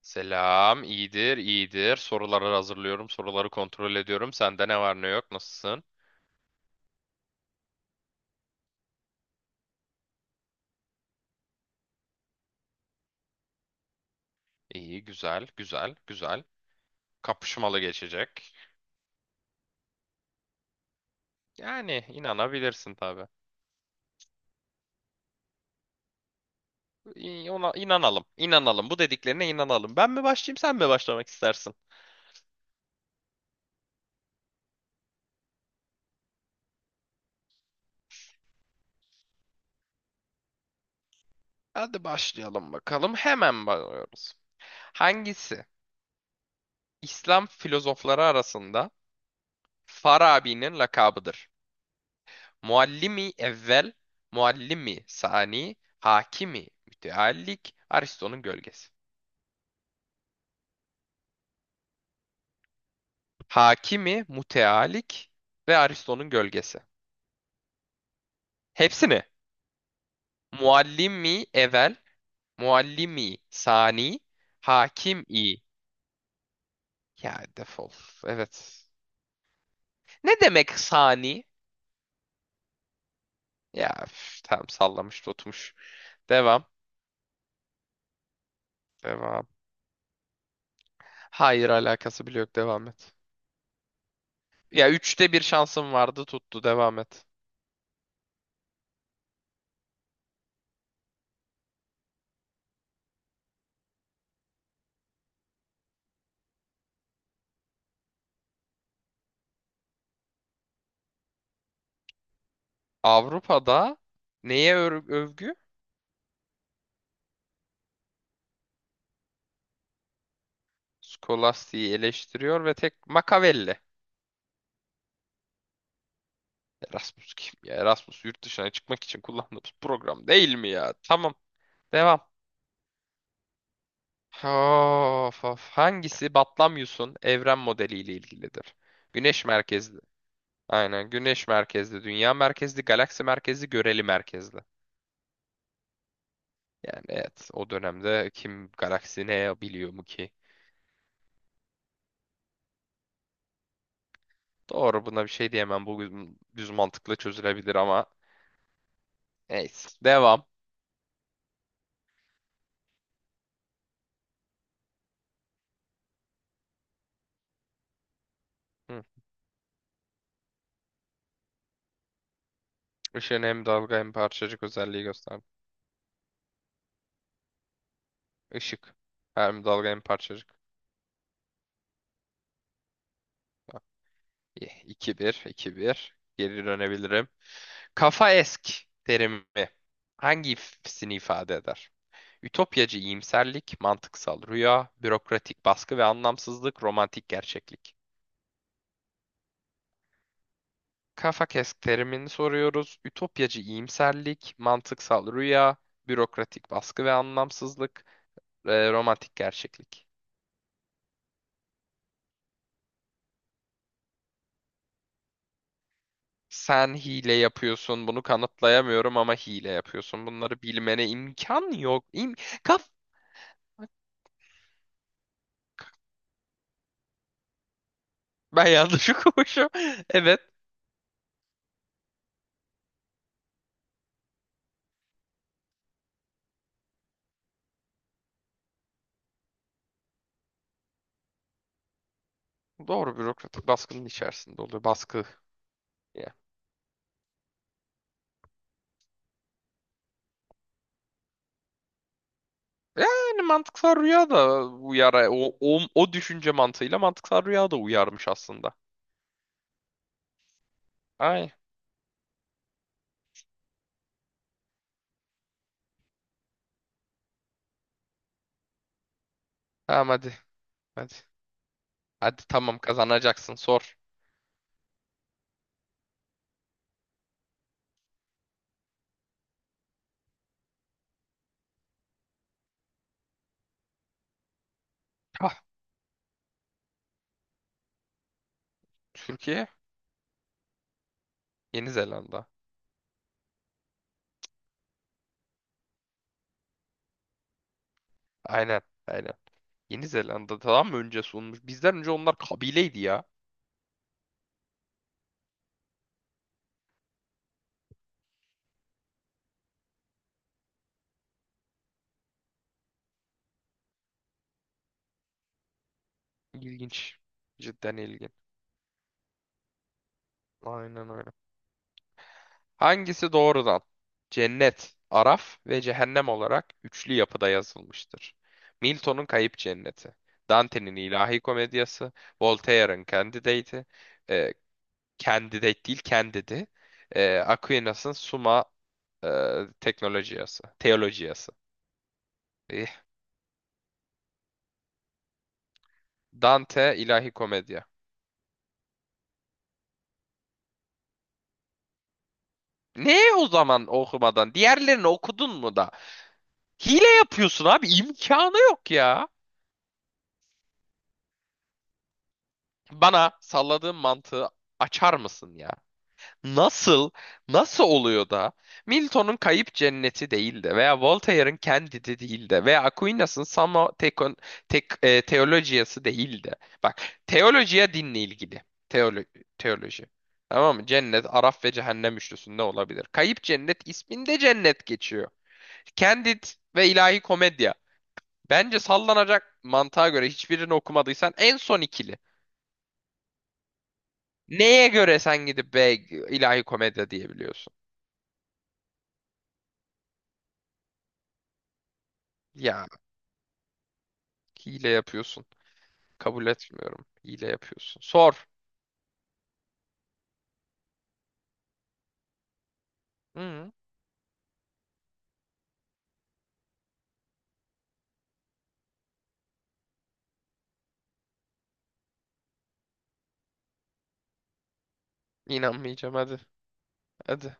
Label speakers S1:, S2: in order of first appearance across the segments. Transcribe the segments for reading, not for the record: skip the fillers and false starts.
S1: Selam, iyidir, iyidir. Soruları hazırlıyorum, soruları kontrol ediyorum. Sende ne var ne yok, nasılsın? İyi, güzel, güzel, güzel. Kapışmalı geçecek. Yani inanabilirsin tabii. Ona inanalım, inanalım. Bu dediklerine inanalım. Ben mi başlayayım, sen mi başlamak istersin? Hadi başlayalım bakalım. Hemen başlıyoruz. Hangisi İslam filozofları arasında Farabi'nin lakabıdır? Muallimi evvel, muallimi sani, hakimi müteallik, Aristo'nun gölgesi. Hakimi müteallik ve Aristo'nun gölgesi. Hepsini muallimi evvel, muallimi sani, hakimi ya defol. Evet. Ne demek sani? Ya üf, tamam sallamış tutmuş. Devam. Devam. Hayır alakası bile yok. Devam et. Ya üçte bir şansım vardı tuttu. Devam et. Avrupa'da neye övgü? Skolastiği eleştiriyor ve tek Machiavelli. Erasmus kim ya? Erasmus yurt dışına çıkmak için kullandığımız program değil mi ya? Tamam. Devam. Of, of. Hangisi Batlamyus'un evren modeliyle ilgilidir? Güneş merkezli. Aynen. Güneş merkezli, dünya merkezli, galaksi merkezli, göreli merkezli. Yani evet o dönemde kim galaksi ne biliyor mu ki? Doğru buna bir şey diyemem. Bu düz mantıkla çözülebilir ama neyse. Devam. Hı. Işığın hem dalga hem parçacık özelliği gösterdi. Işık. Hem dalga hem parçacık. 2 bir, iki bir. Geri dönebilirim. Kafa esk terimi hangisini ifade eder? Ütopyacı iyimserlik, mantıksal rüya, bürokratik baskı ve anlamsızlık, romantik gerçeklik. Kafa kesk terimini soruyoruz. Ütopyacı iyimserlik, mantıksal rüya, bürokratik baskı ve anlamsızlık, romantik gerçeklik. Sen hile yapıyorsun, bunu kanıtlayamıyorum ama hile yapıyorsun. Bunları bilmene imkan yok. İm Kaf ben yanlış okumuşum. Evet, doğru bürokratik baskının içerisinde oluyor. Baskı. Ya. Yani mantıksal rüya da uyar. O düşünce mantığıyla mantıksal rüya da uyarmış aslında. Ay. Tamam hadi. Hadi. Hadi tamam kazanacaksın sor. Ah, Türkiye, Yeni Zelanda. Aynen. Aynen. Yeni Zelanda'dan mı önce sunmuş? Bizden önce onlar kabileydi ya. İlginç. Cidden ilginç. Aynen öyle. Hangisi doğrudan? Cennet, Araf ve Cehennem olarak üçlü yapıda yazılmıştır. Milton'un Kayıp Cenneti, Dante'nin İlahi Komedyası, Voltaire'ın Candidate'i, e, Candidate değil Candid'i, Aquinas'ın Summa e, Teknolojiyası, Teolojiyası. Eh, Dante İlahi Komedya. Ne o zaman okumadan? Diğerlerini okudun mu da? Hile yapıyorsun abi. İmkanı yok ya. Bana salladığın mantığı açar mısın ya? Nasıl, nasıl oluyor da Milton'un Kayıp Cenneti değil de veya Voltaire'ın Candide değil de veya Aquinas'ın Summa Tecon- Tec- e, Theologia'sı değil de. Bak, teolojiye dinle ilgili. Teolo teoloji. Tamam mı? Cennet, Araf ve Cehennem üçlüsünde olabilir. Kayıp Cennet isminde cennet geçiyor. Candid ve ilahi Komedya. Bence sallanacak mantığa göre hiçbirini okumadıysan en son ikili. Neye göre sen gidip be ilahi komedya diyebiliyorsun? Ya hile yapıyorsun. Kabul etmiyorum. Hile yapıyorsun. Sor. Hı, inanmayacağım hadi. Hadi.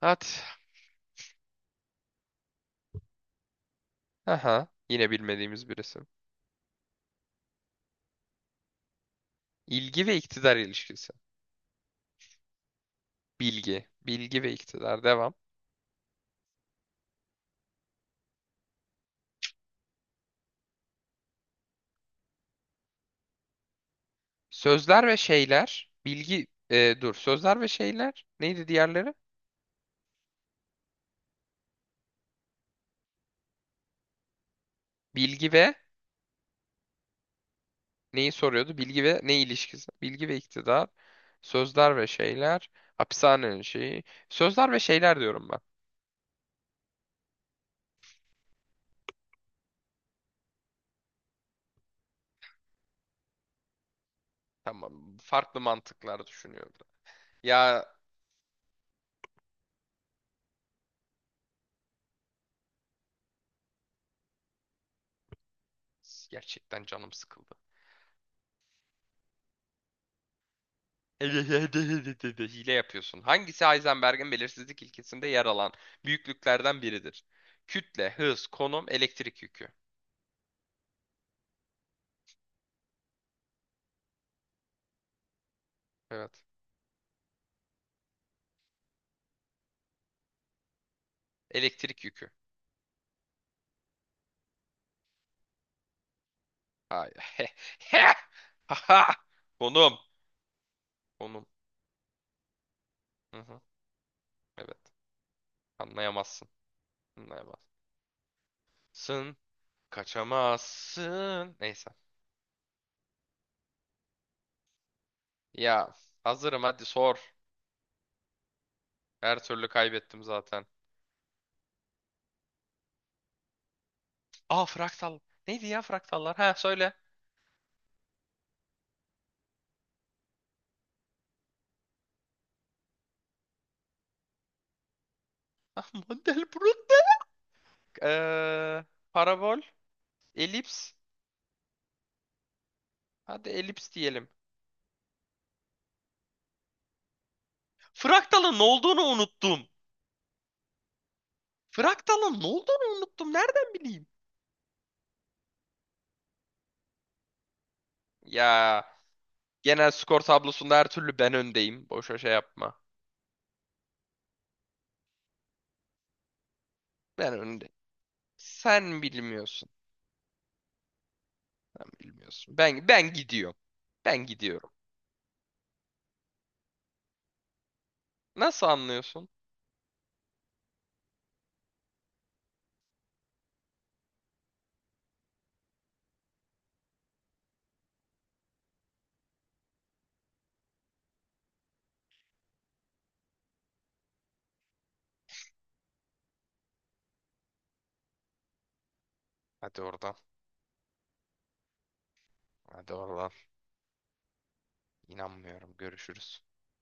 S1: Hadi. Aha. Yine bilmediğimiz bir isim. İlgi ve iktidar ilişkisi. Bilgi. Bilgi ve iktidar. Devam. Sözler ve şeyler. Bilgi. Dur. Sözler ve şeyler. Neydi diğerleri? Bilgi ve neyi soruyordu? Bilgi ve ne ilişkisi? Bilgi ve iktidar. Sözler ve şeyler. Hapishanenin şeyi. Sözler ve şeyler diyorum ben. Tamam. Farklı mantıklar düşünüyorum. Ya gerçekten canım sıkıldı. Hile yapıyorsun. Hangisi Heisenberg'in belirsizlik ilkesinde yer alan büyüklüklerden biridir? Kütle, hız, konum, elektrik yükü. Evet. Elektrik yükü. Hayır. Haha. Konum. Konum. Hı hı. Evet. Anlayamazsın. Anlayamazsın. Sın kaçamazsın. Neyse. Ya hazırım hadi sor. Her türlü kaybettim zaten. Aa fraktal. Neydi ya fraktallar? Ha söyle. Ah, Mandelbrot. Ee, parabol. Elips. Hadi elips diyelim. Fraktalın ne olduğunu unuttum. Fraktalın ne olduğunu unuttum. Nereden bileyim? Ya genel skor tablosunda her türlü ben öndeyim. Boşa şey yapma. Ben öndeyim. Sen bilmiyorsun. Sen bilmiyorsun. Ben gidiyorum. Ben gidiyorum. Nasıl anlıyorsun? Hadi oradan. Hadi oradan. İnanmıyorum. Görüşürüz.